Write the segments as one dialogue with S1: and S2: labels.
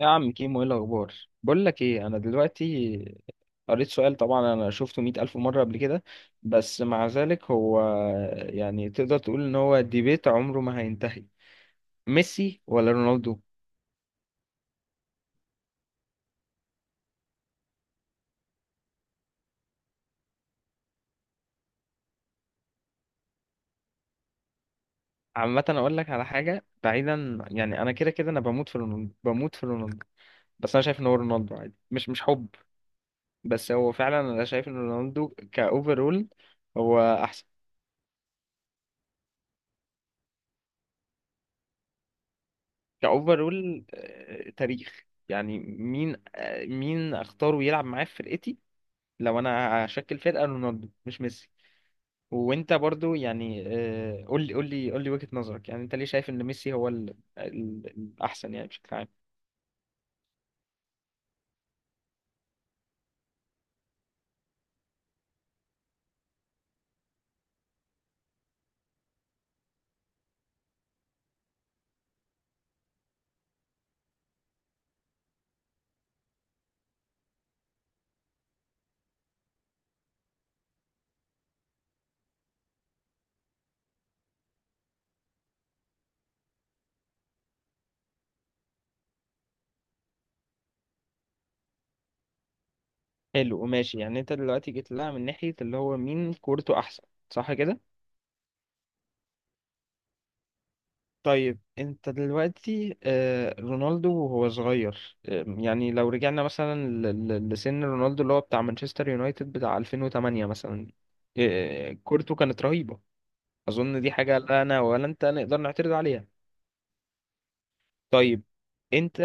S1: يا عم كيمو، ايه الاخبار؟ بقول لك ايه، انا دلوقتي قريت سؤال، طبعا انا شفته مئة الف مره قبل كده، بس مع ذلك هو يعني تقدر تقول ان هو ديبيت عمره ما هينتهي: ميسي ولا رونالدو؟ عامه اقول لك على حاجه، بعيدا يعني، انا كده كده انا بموت في رونالدو، بموت في رونالدو. بس انا شايف ان هو رونالدو عادي، مش حب. بس هو فعلا انا شايف ان رونالدو كاوفرول. هو كأوفرول، تاريخ، يعني مين، مين اختاره يلعب معاه في فرقتي؟ لو انا هشكل فرقة، رونالدو مش ميسي. وانت برضو يعني، قول لي قول لي قول لي وجهة نظرك، يعني انت ليه شايف ان ميسي هو الاحسن يعني بشكل عام؟ حلو وماشي، يعني انت دلوقتي جيت لها من ناحية اللي هو مين كورته احسن، صح كده؟ طيب انت دلوقتي، رونالدو وهو صغير، يعني لو رجعنا مثلا لسن رونالدو اللي هو بتاع مانشستر يونايتد بتاع 2008 مثلا، كورته كانت رهيبة. اظن دي حاجة لا انا ولا انت نقدر نعترض عليها. طيب انت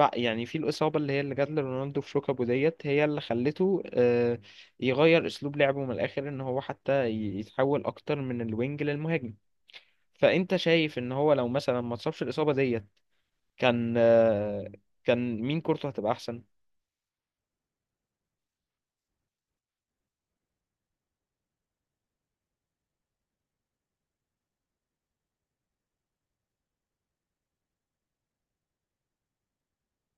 S1: يعني في الإصابة اللي هي اللي جات لرونالدو في ركبه ديت، هي اللي خلته يغير أسلوب لعبه من الآخر، إن هو حتى يتحول أكتر من الوينج للمهاجم. فأنت شايف إن هو لو مثلا ما اتصابش الإصابة ديت، كان آه، كان مين كورته هتبقى احسن؟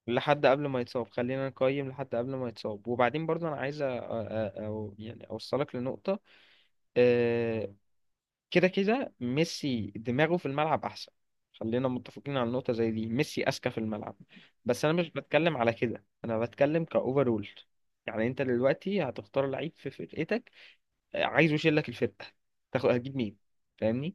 S1: لحد قبل ما يتصاب، خلينا نقيم لحد قبل ما يتصاب، وبعدين برضو انا عايز او يعني اوصلك لنقطة، آه، كده كده ميسي دماغه في الملعب احسن. خلينا متفقين على نقطة زي دي، ميسي اذكى في الملعب. بس انا مش بتكلم على كده، انا بتكلم كاوفرول. يعني انت دلوقتي هتختار لعيب في فرقتك، عايزه يشيل لك الفرقة، تاخد هتجيب مين؟ فاهمني؟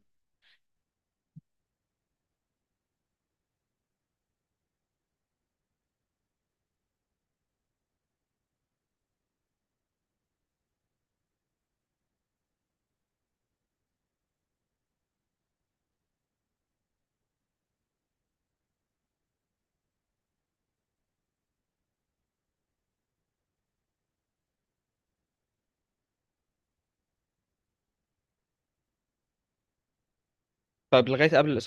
S1: طيب لغاية قبل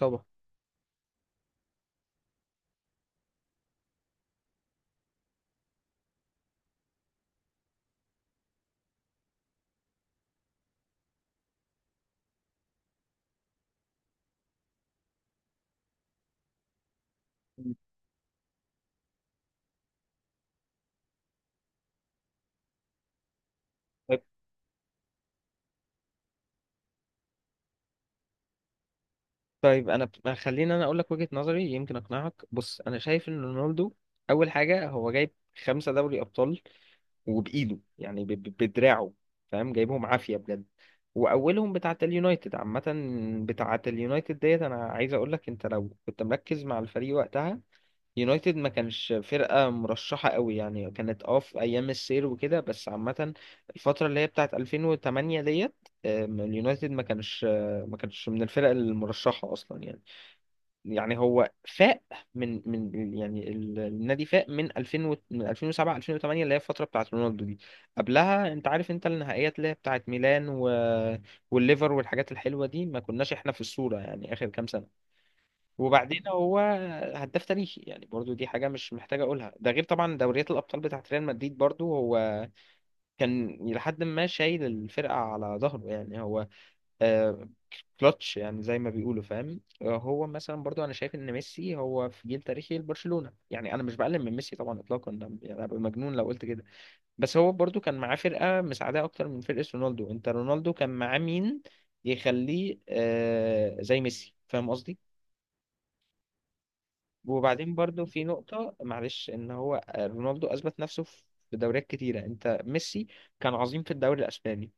S1: الإصابة. طيب انا خليني انا اقول لك وجهة نظري يمكن اقنعك. بص انا شايف ان رونالدو، اول حاجة هو جايب خمسة دوري ابطال، وبايده يعني بدراعه، فاهم؟ جايبهم عافية بجد. واولهم بتاعة اليونايتد. عامة بتاعة اليونايتد ديت، انا عايز اقول لك، انت لو كنت مركز مع الفريق وقتها، يونايتد ما كانش فرقة مرشحة قوي، يعني كانت في ايام السير وكده، بس عامة الفترة اللي هي بتاعة 2008 ديت، اليونايتد ما كانش من الفرق المرشحة اصلا يعني. يعني هو فاق، من يعني النادي فاق من 2000 من 2007 2008، اللي هي الفتره بتاعت رونالدو دي. قبلها انت عارف، انت النهائيات اللي هي بتاعت ميلان والليفر والحاجات الحلوه دي، ما كناش احنا في الصوره يعني اخر كام سنه. وبعدين هو هداف تاريخي، يعني برضو دي حاجه مش محتاج اقولها، ده غير طبعا دوريات الابطال بتاعت ريال مدريد. برضو هو كان لحد ما شايل الفرقه على ظهره، يعني هو آه، كلتش، يعني زي ما بيقولوا، فاهم؟ هو مثلا برضو انا شايف ان ميسي هو في جيل تاريخي لبرشلونة، يعني انا مش بقلل من ميسي طبعا اطلاقا، يعني ابقى مجنون لو قلت كده. بس هو برضو كان معاه فرقة مساعداه اكتر من فرقة رونالدو. انت رونالدو كان معاه مين يخليه زي ميسي؟ فاهم قصدي؟ وبعدين برضو في نقطة، معلش، ان هو رونالدو اثبت نفسه في دوريات كتيرة. انت ميسي كان عظيم في الدوري الاسباني،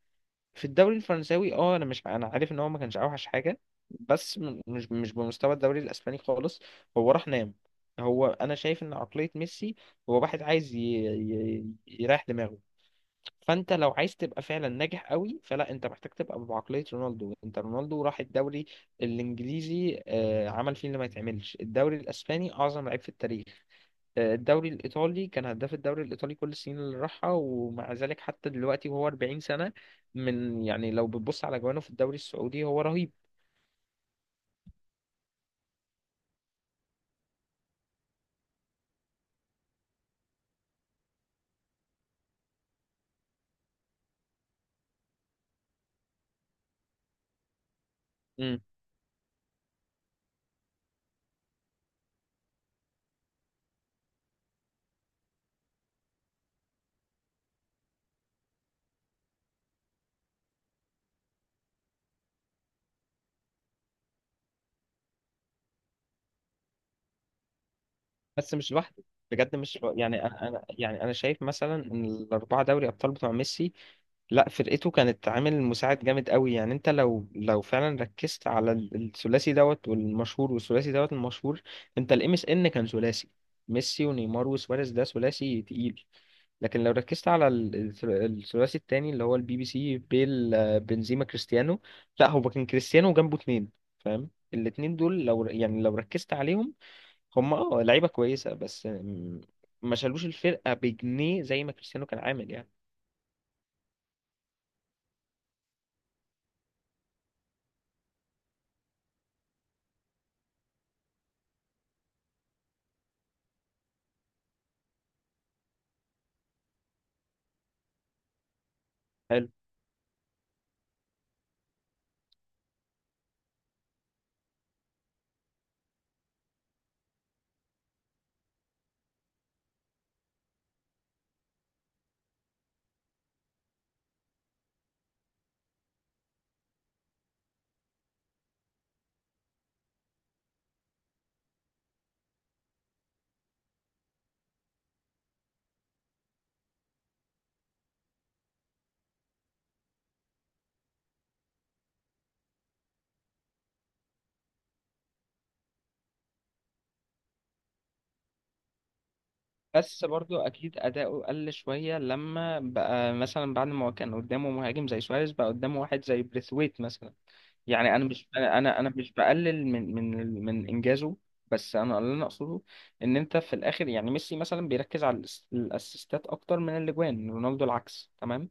S1: في الدوري الفرنساوي انا عارف ان هو ما كانش اوحش حاجه، بس مش بمستوى الدوري الاسباني خالص. هو راح نام. هو انا شايف ان عقليه ميسي، هو واحد عايز يريح دماغه. فانت لو عايز تبقى فعلا ناجح قوي، فلا انت محتاج تبقى بعقليه رونالدو. انت رونالدو راح الدوري الانجليزي، عمل فيه اللي ما يتعملش. الدوري الاسباني، اعظم لعيب في التاريخ. الدوري الإيطالي، كان هداف الدوري الإيطالي كل السنين اللي راحها. ومع ذلك حتى دلوقتي وهو 40 سنة، من يعني لو بتبص على جوانه في الدوري السعودي هو رهيب. مم. بس مش لوحده. بجد مش يعني يعني أنا شايف مثلا إن الأربعة دوري أبطال بتوع ميسي، لا فرقته كانت عامل مساعد جامد قوي. يعني انت لو فعلا ركزت على الثلاثي دوت والمشهور، والثلاثي دوت المشهور، انت الام اس ان كان ثلاثي: ميسي ونيمار وسواريز، ده ثلاثي تقيل. لكن لو ركزت على الثلاثي التاني اللي هو البي بي سي، بيل، بنزيما، كريستيانو، لا هو كان كريستيانو جنبه اتنين، فاهم؟ الاتنين دول لو يعني لو ركزت عليهم، هم لعيبة كويسة بس ما شالوش الفرقة بجنيه زي ما كريستيانو كان عامل يعني. بس برضو اكيد اداؤه قل شويه لما بقى، مثلا بعد ما هو كان قدامه مهاجم زي سواريز، بقى قدامه واحد زي بريثويت مثلا. يعني انا مش انا انا أنا مش بقلل من من من انجازه. بس انا اللي انا اقصده، ان انت في الاخر يعني ميسي مثلا بيركز على الاسيستات اكتر من الاجوان. رونالدو العكس تمام.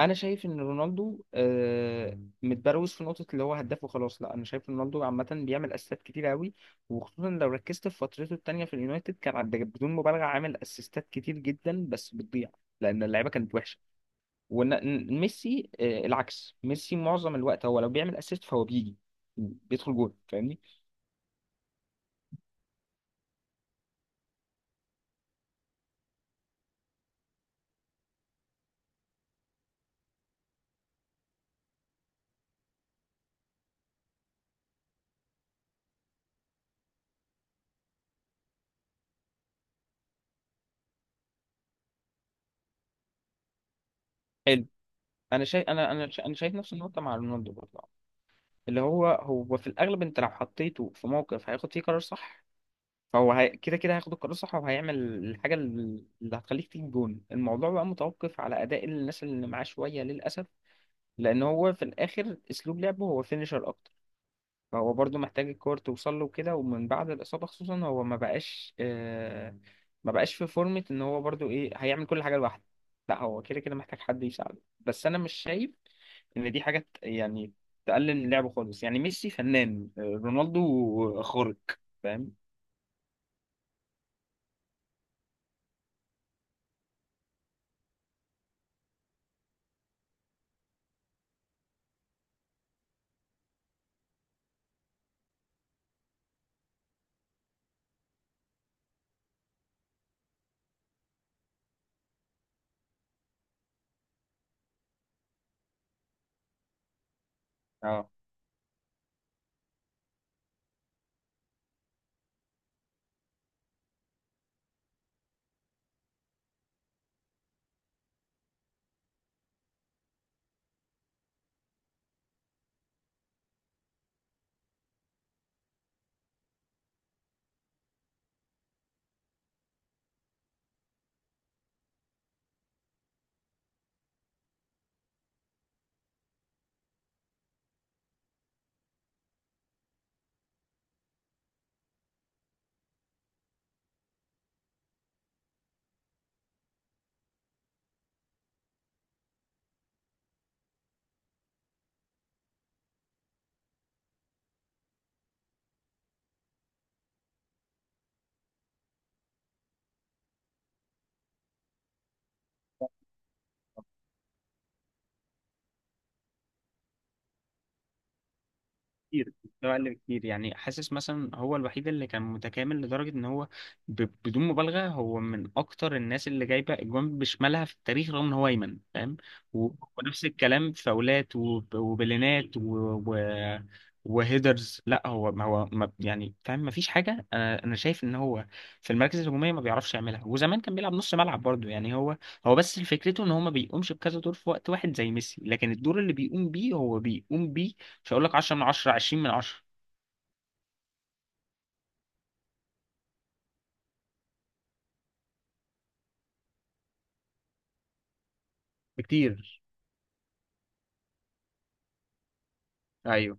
S1: انا شايف ان رونالدو، متبروز في نقطه اللي هو هداف وخلاص. لا انا شايف رونالدو عامه بيعمل اسيستات كتير قوي، وخصوصا لو ركزت في فترته التانيه في اليونايتد كان بدون مبالغه عامل اسيستات كتير جدا، بس بتضيع لان اللعيبه كانت وحشه. وميسي العكس، ميسي معظم الوقت هو لو بيعمل اسيست فهو بيجي بيدخل جول. فاهمني؟ حلو. انا شايف انا انا انا شايف نفس النقطه مع رونالدو برضه. اللي هو في الاغلب، انت لو حطيته في موقف هياخد فيه قرار صح، فهو كده كده هياخد القرار الصح، وهيعمل الحاجة اللي هتخليك تجيب جون. الموضوع بقى متوقف على أداء الناس اللي معاه شوية للأسف، لأن هو في الآخر أسلوب لعبه هو فينيشر أكتر. فهو برضو محتاج الكور توصل له كده، ومن بعد الإصابة خصوصا هو ما بقاش في فورمة إن هو برضو إيه هيعمل كل حاجة لوحده. لا هو كده كده محتاج حد يساعده، بس أنا مش شايف إن دي حاجة يعني تقلل من لعبه خالص. يعني ميسي فنان، رونالدو خارق، فاهم؟ آه. كتير، مستوى اقل بكتير. يعني حاسس مثلا هو الوحيد اللي كان متكامل لدرجه ان هو بدون مبالغه هو من اكتر الناس اللي جايبه اجوان بشمالها في التاريخ رغم ان هو ايمن، فاهم؟ و... ونفس الكلام في فاولات وبلينات و... وهيدرز. لا هو ما هو ما... يعني فاهم، ما فيش حاجه. انا انا شايف ان هو في المراكز الهجوميه ما بيعرفش يعملها. وزمان كان بيلعب نص ملعب برضه. يعني هو بس فكرته ان هو ما بيقومش بكذا دور في وقت واحد زي ميسي، لكن الدور اللي بيقوم بيه، هو بيقوم بيه مش هقول لك 10 من 10، 20 من 10 بكتير. ايوه،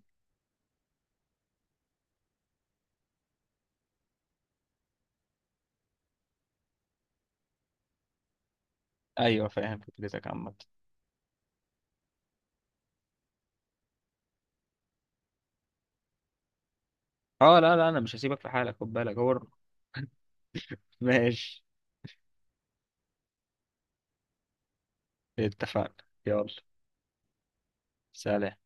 S1: ايوه، فاهم فكرتك عامة. اه، لا لا، انا مش هسيبك في حالك، خد بالك هو. ماشي. اتفقنا، يلا. سلام.